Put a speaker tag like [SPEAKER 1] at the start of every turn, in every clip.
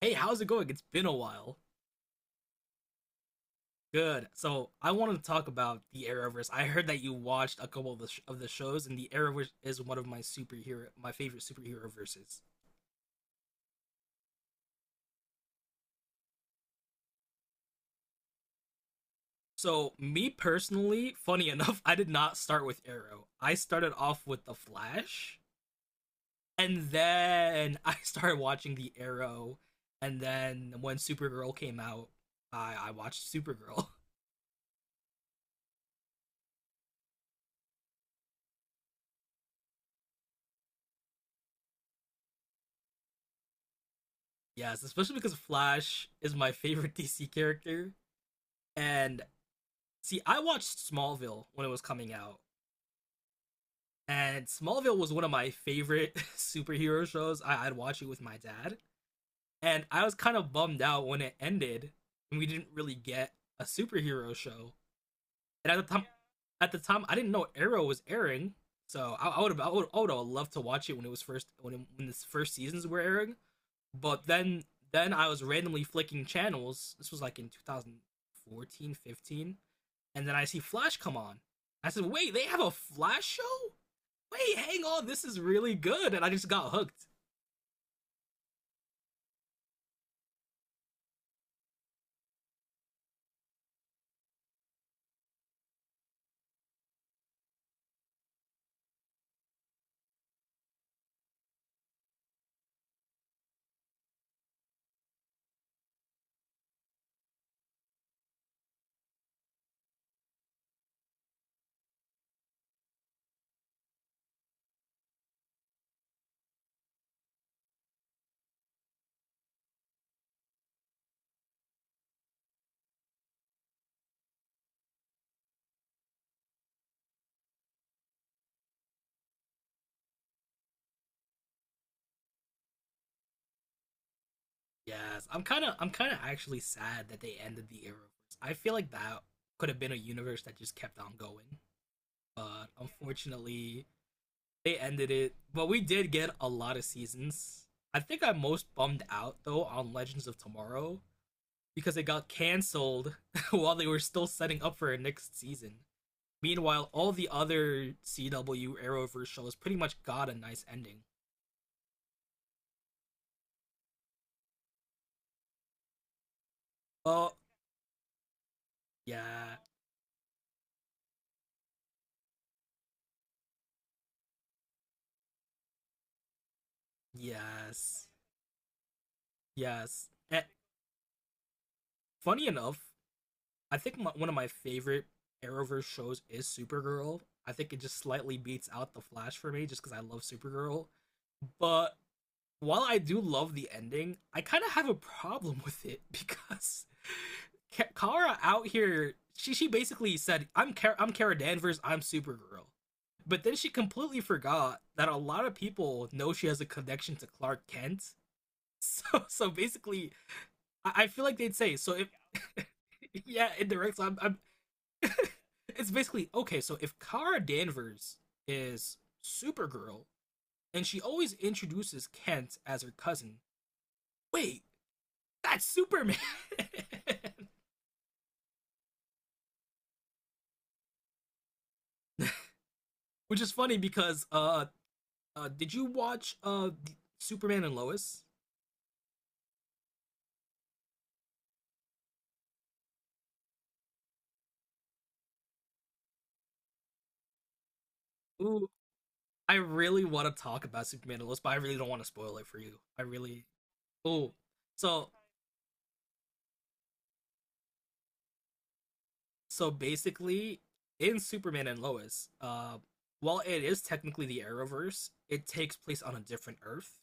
[SPEAKER 1] Hey, how's it going? It's been a while. Good. So I wanted to talk about the Arrowverse. I heard that you watched a couple of the shows, and the Arrowverse is one of my my favorite superhero verses. So me personally, funny enough, I did not start with Arrow. I started off with the Flash, and then I started watching the Arrow, and then when Supergirl came out, I watched Supergirl. Yes, especially because Flash is my favorite DC character, and see, I watched Smallville when it was coming out, and Smallville was one of my favorite superhero shows. I'd watch it with my dad, and I was kind of bummed out when it ended, and we didn't really get a superhero show. And at the time, I didn't know Arrow was airing, so I would have loved to watch it when it was first when it, when the first seasons were airing. But then I was randomly flicking channels. This was like in 2014, 15, and then I see Flash come on. I said, "Wait, they have a Flash show? Wait, hang on, this is really good." And I just got hooked. Yes, I'm kind of actually sad that they ended the Arrowverse. I feel like that could have been a universe that just kept on going, but unfortunately, they ended it. But we did get a lot of seasons. I think I'm most bummed out though on Legends of Tomorrow because it got canceled while they were still setting up for a next season. Meanwhile, all the other CW Arrowverse shows pretty much got a nice ending. Oh, yeah, yes, yes. And funny enough, I think one of my favorite Arrowverse shows is Supergirl. I think it just slightly beats out The Flash for me just because I love Supergirl. But while I do love the ending, I kind of have a problem with it because Kara out here, she basically said, "I'm Kara, I'm Kara Danvers, I'm Supergirl," but then she completely forgot that a lot of people know she has a connection to Clark Kent. So so basically, I feel like they'd say so. If Yeah, indirects. I'm it's basically okay. So if Kara Danvers is Supergirl, and she always introduces Kent as her cousin. Wait, that's Superman. Which is funny because did you watch Superman and Lois? Ooh, I really want to talk about Superman and Lois, but I really don't want to spoil it for you. I really. Ooh, so so basically, in Superman and Lois, while it is technically the Arrowverse, it takes place on a different Earth.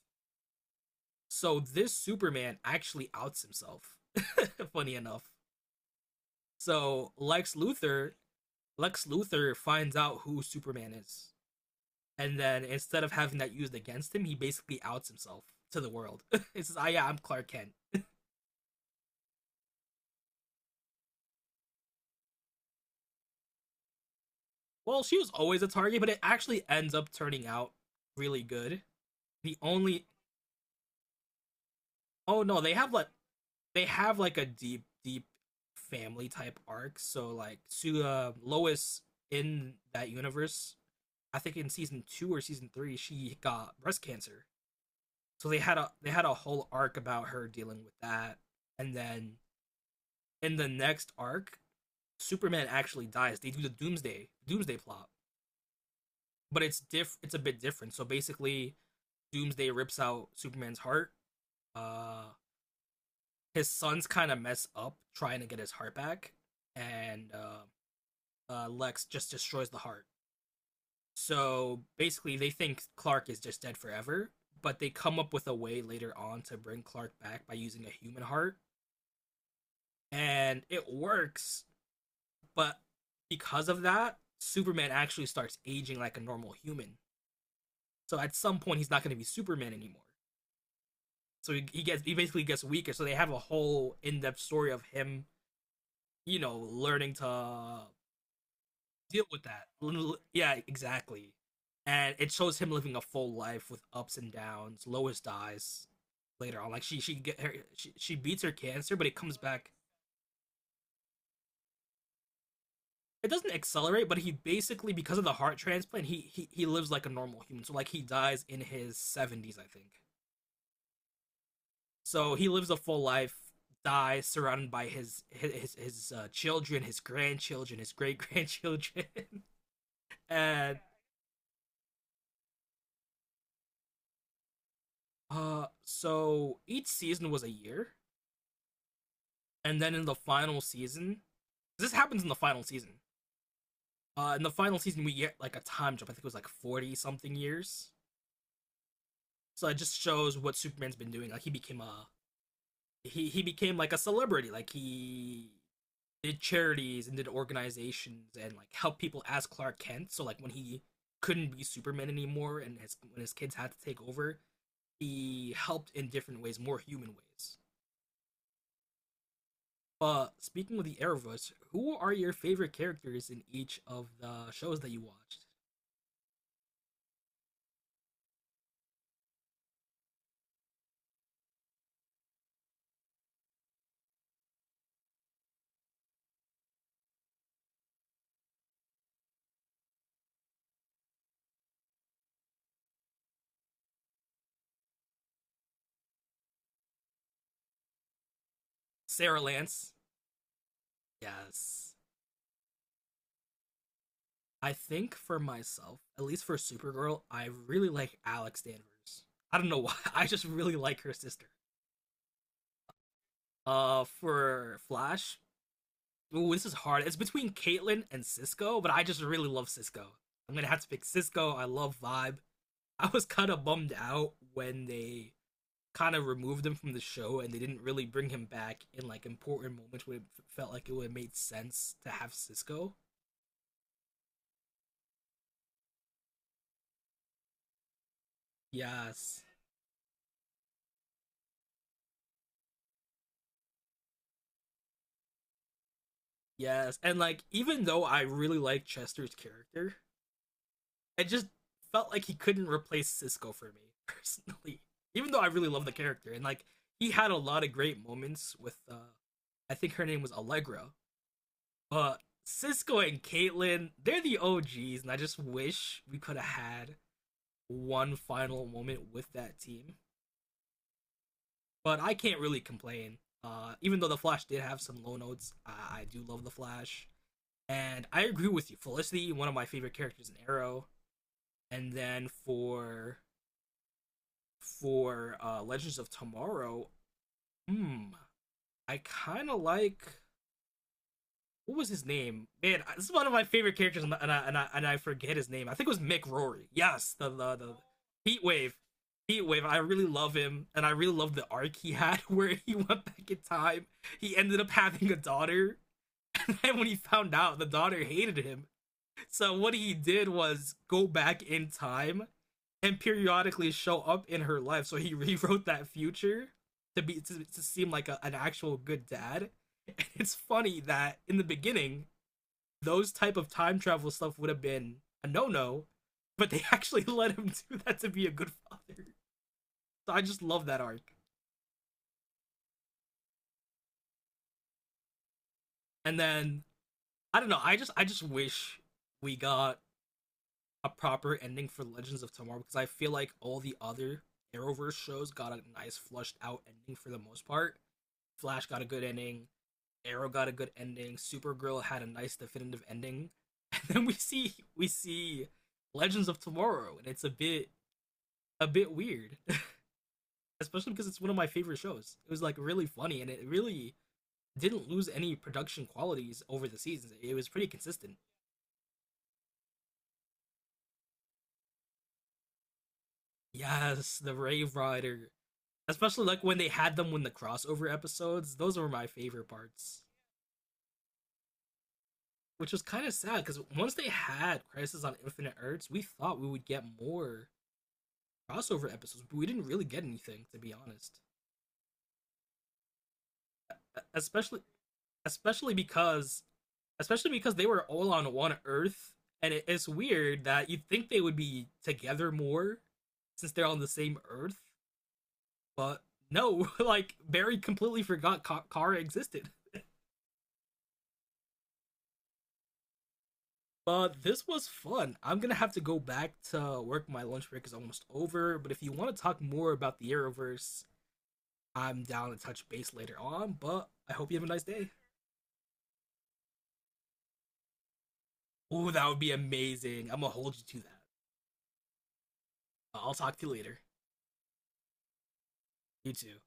[SPEAKER 1] So this Superman actually outs himself. Funny enough. So Lex Luthor finds out who Superman is, and then instead of having that used against him, he basically outs himself to the world. He says, "Ah, yeah, I'm Clark Kent." Well, she was always a target, but it actually ends up turning out really good. The only oh no, they have like a deep, deep family type arc. So like to Lois in that universe, I think in season two or season three, she got breast cancer. So they had a whole arc about her dealing with that, and then in the next arc, Superman actually dies. They do the Doomsday plot, but it's a bit different. So basically, Doomsday rips out Superman's heart. Uh, his sons kind of mess up trying to get his heart back, and Lex just destroys the heart. So basically, they think Clark is just dead forever, but they come up with a way later on to bring Clark back by using a human heart, and it works. But because of that, Superman actually starts aging like a normal human. So at some point, he's not going to be Superman anymore. So he basically gets weaker. So they have a whole in depth story of him, you know, learning to deal with that. Yeah, exactly. And it shows him living a full life with ups and downs. Lois dies later on. Like she beats her cancer, but it comes back. It doesn't accelerate, but he basically because of the heart transplant, he lives like a normal human. So like he dies in his seventies, I think. So he lives a full life, dies surrounded by his, children, his grandchildren, his great grandchildren, and so each season was a year, and then in the final season, this happens in the final season. In the final season, we get like a time jump. I think it was like 40 something years. So it just shows what Superman's been doing. Like he became like a celebrity. Like he did charities and did organizations and like helped people as Clark Kent. So like when he couldn't be Superman anymore and his when his kids had to take over, he helped in different ways, more human ways. But speaking of the Arrowverse, who are your favorite characters in each of the shows that you watched? Sarah Lance, yes. I think for myself, at least for Supergirl, I really like Alex Danvers. I don't know why. I just really like her sister. For Flash, ooh, this is hard. It's between Caitlyn and Cisco, but I just really love Cisco. I'm gonna have to pick Cisco. I love Vibe. I was kind of bummed out when they kind of removed him from the show and they didn't really bring him back in like important moments where it felt like it would have made sense to have Cisco. Yes, yes, and like even though I really like Chester's character, I just felt like he couldn't replace Cisco for me personally, even though I really love the character and like he had a lot of great moments with. I think her name was Allegra, but Cisco and Caitlyn, they're the OGs, and I just wish we could have had one final moment with that team. But I can't really complain. Even though the Flash did have some low notes, I do love the Flash, and I agree with you. Felicity, one of my favorite characters in Arrow, and then for Legends of Tomorrow, hmm, I kind of like what was his name? Man, this is one of my favorite characters, forget his name. I think it was Mick Rory. Yes, the Heat Wave. Heat Wave, I really love him, and I really love the arc he had where he went back in time. He ended up having a daughter, and when he found out, the daughter hated him. So what he did was go back in time and periodically show up in her life. So he rewrote that future to to seem like an actual good dad. And it's funny that in the beginning, those type of time travel stuff would have been a no no, but they actually let him do that to be a good father. So I just love that arc. And then I don't know. I just wish we got a proper ending for Legends of Tomorrow because I feel like all the other Arrowverse shows got a nice flushed out ending for the most part. Flash got a good ending. Arrow got a good ending. Supergirl had a nice definitive ending, and then we see Legends of Tomorrow, and it's a bit weird, especially because it's one of my favorite shows. It was like really funny, and it really didn't lose any production qualities over the seasons. It was pretty consistent. Yes, the Rave Rider, especially like when the crossover episodes. Those were my favorite parts, which was kind of sad because once they had Crisis on Infinite Earths, we thought we would get more crossover episodes, but we didn't really get anything to be honest. E, Especially, especially especially because they were all on one Earth, and it's weird that you'd think they would be together more since they're on the same Earth, but no, like Barry completely forgot Kara existed. But this was fun. I'm gonna have to go back to work. My lunch break is almost over. But if you want to talk more about the Arrowverse, I'm down to touch base later on. But I hope you have a nice day. Ooh, that would be amazing. I'm gonna hold you to that. I'll talk to you later. You too.